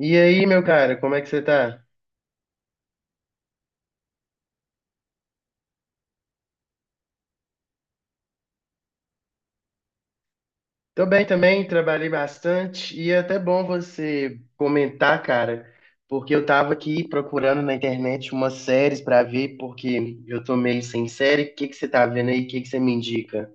E aí, meu cara, como é que você tá? Tô bem também, trabalhei bastante e é até bom você comentar, cara, porque eu tava aqui procurando na internet umas séries pra ver, porque eu tô meio sem série. O que que você tá vendo aí? O que que você me indica?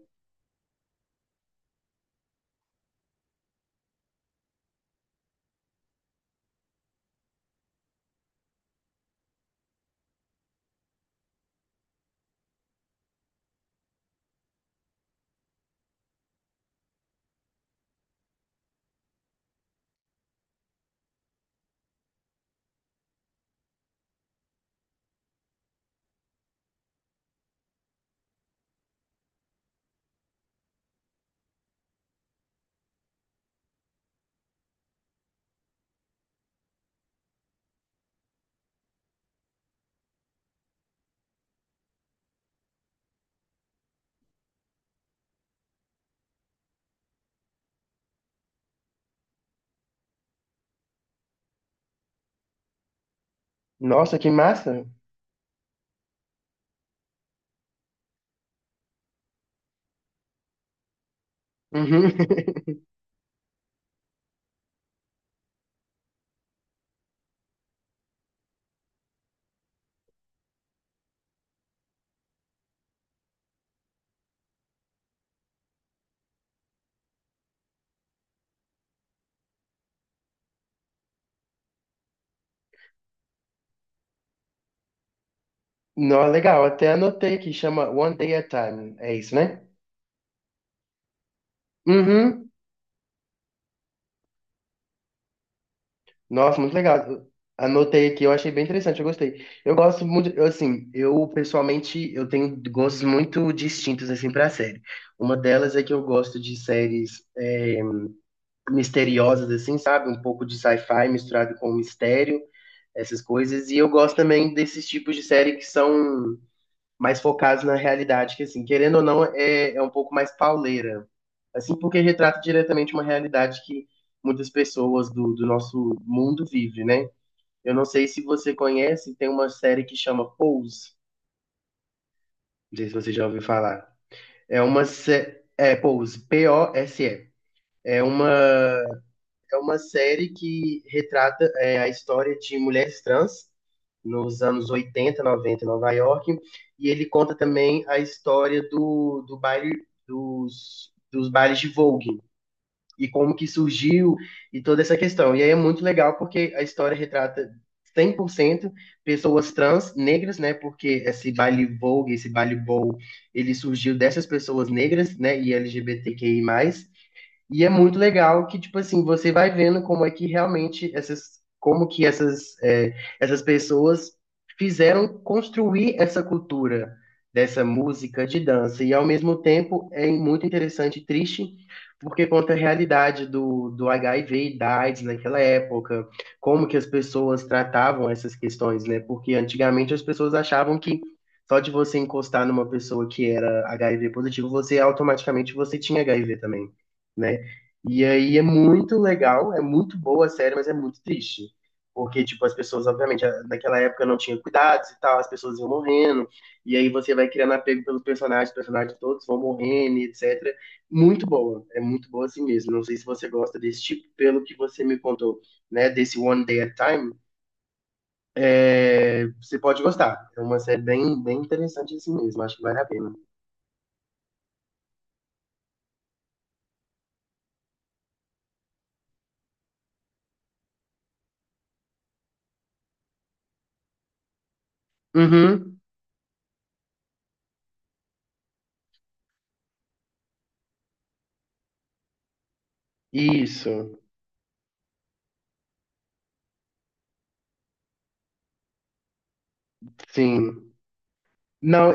Nossa, que massa! Uhum. Não, legal, até anotei aqui, chama One Day at a Time, é isso, né? Uhum. Nossa, muito legal. Anotei aqui, eu achei bem interessante, eu gostei. Eu gosto muito, eu, assim, eu pessoalmente, eu tenho gostos muito distintos, assim, pra série. Uma delas é que eu gosto de séries misteriosas, assim, sabe? Um pouco de sci-fi misturado com mistério, essas coisas. E eu gosto também desses tipos de série que são mais focados na realidade, que, assim, querendo ou não, é um pouco mais pauleira. Assim, porque retrata diretamente uma realidade que muitas pessoas do nosso mundo vivem, né? Eu não sei se você conhece, tem uma série que chama Pose. Não sei se você já ouviu falar. É Pose, Pose. É uma é uma série que retrata a história de mulheres trans nos anos 80, 90 em Nova York, e ele conta também a história do baile dos bailes de Vogue. E como que surgiu e toda essa questão. E aí é muito legal porque a história retrata 100% pessoas trans negras, né? Porque esse baile Vogue, esse baile Bowl, ele surgiu dessas pessoas negras, né? E LGBTQI+ e é muito legal que, tipo assim, você vai vendo como é que realmente essas, como que essas, essas pessoas fizeram construir essa cultura dessa música de dança. E ao mesmo tempo é muito interessante e triste, porque conta a realidade do HIV e da AIDS naquela época, como que as pessoas tratavam essas questões, né? Porque antigamente as pessoas achavam que só de você encostar numa pessoa que era HIV positivo, você automaticamente você tinha HIV também, né? E aí é muito legal, é muito boa a série, mas é muito triste. Porque, tipo, as pessoas, obviamente, naquela época não tinha cuidados e tal, as pessoas iam morrendo, e aí você vai criando apego pelos personagens, os personagens todos vão morrendo, e etc. Muito boa, é muito boa assim mesmo. Não sei se você gosta desse tipo, pelo que você me contou, né, desse One Day at a Time, você pode gostar. É uma série bem, bem interessante assim mesmo, acho que vale a pena. Uhum, isso, sim. Não,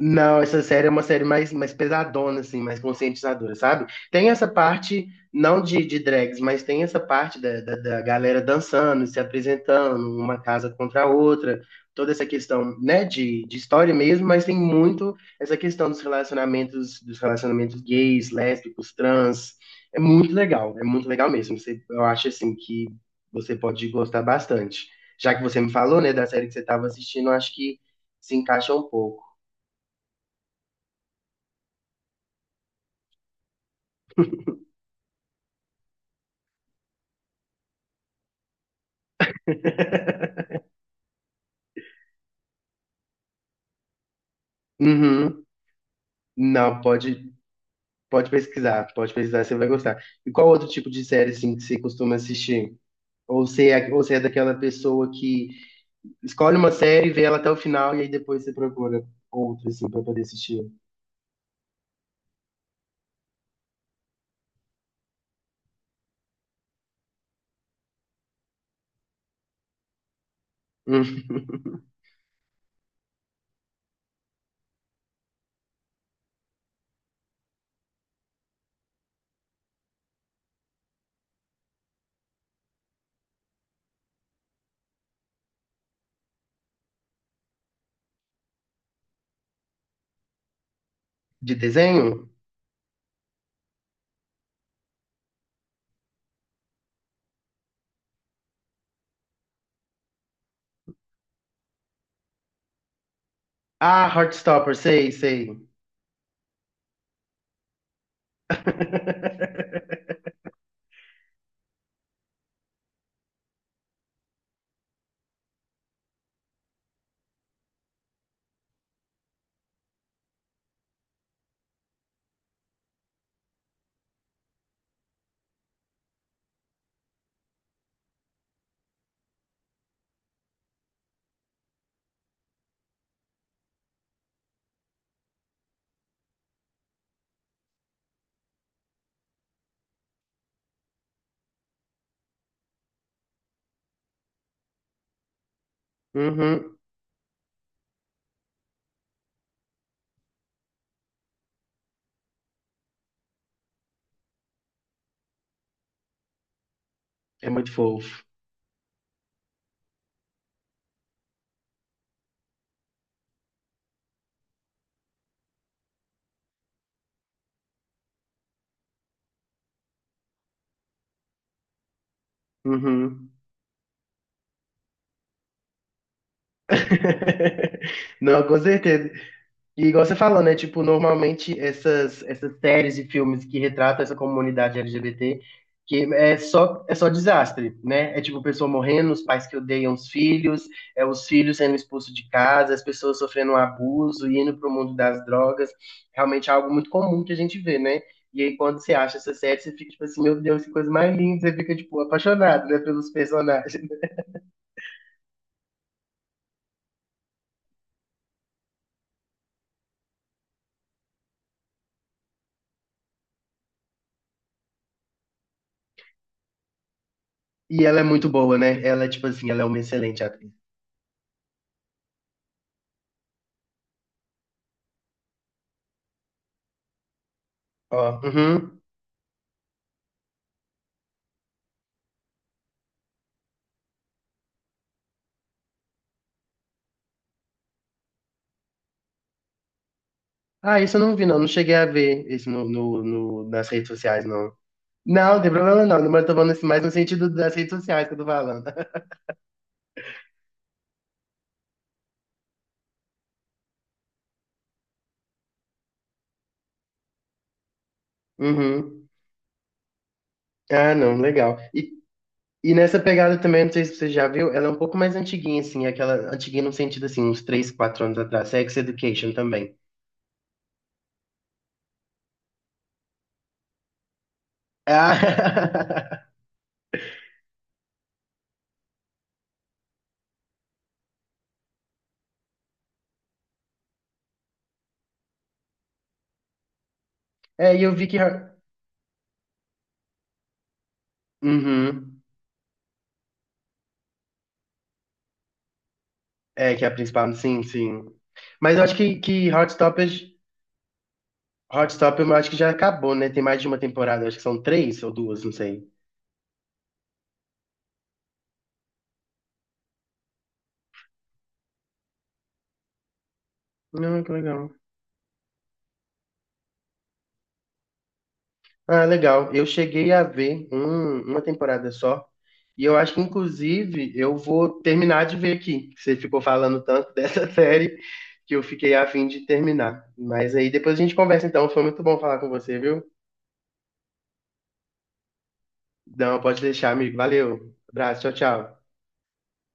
não, essa série é uma série mais pesadona, assim, mais conscientizadora, sabe? Tem essa parte, não de drags, mas tem essa parte da galera dançando, se apresentando, uma casa contra a outra, toda essa questão, né, de história mesmo, mas tem muito essa questão dos relacionamentos gays, lésbicos, trans. É muito legal mesmo. Eu acho, assim, que você pode gostar bastante. Já que você me falou, né, da série que você estava assistindo, eu acho que se encaixa um pouco. Uhum. Não, pode pesquisar, pode pesquisar, você vai gostar. E qual outro tipo de série assim, que você costuma assistir? Ou você é daquela pessoa que escolhe uma série, vê ela até o final e aí depois você procura outra assim para poder assistir? Hum. De desenho? Ah, Heartstopper, sei, sei. Uhum. É muito fofo. Uhum. Não, com certeza. E igual você falou, né? Tipo, normalmente essas séries e filmes que retratam essa comunidade LGBT, que é só desastre, né? É tipo pessoa morrendo, os pais que odeiam os filhos, é os filhos sendo expulsos de casa, as pessoas sofrendo um abuso, indo pro mundo das drogas. Realmente é algo muito comum que a gente vê, né? E aí quando você acha essa série, você fica tipo assim, meu Deus, que coisa mais linda, você fica tipo apaixonado, né, pelos personagens. E ela é muito boa, né? Ela, tipo assim, ela é uma excelente atriz. Ó, uhum. Ah, isso eu não vi, não. Não cheguei a ver isso nas redes sociais, não. Não, não tem problema não. Mas eu tô falando assim, mais no sentido das redes sociais que eu tô falando. Uhum. Ah, não, legal. E nessa pegada também, não sei se você já viu, ela é um pouco mais antiguinha, assim, aquela antiguinha no sentido assim, uns 3, 4 anos atrás. Sex Education também. Ah, e eu vi que. Uhum. É, que é a principal, sim, sim. Mas eu acho que Hot Topic, Hot Topic, eu acho que já acabou, né? Tem mais de uma temporada, acho que são três ou duas, não sei. Não, que legal. Ah, legal. Eu cheguei a ver uma temporada só. E eu acho que, inclusive, eu vou terminar de ver aqui. Você ficou falando tanto dessa série que eu fiquei a fim de terminar. Mas aí depois a gente conversa, então. Foi muito bom falar com você, viu? Não, pode deixar, amigo. Valeu. Abraço, tchau, tchau.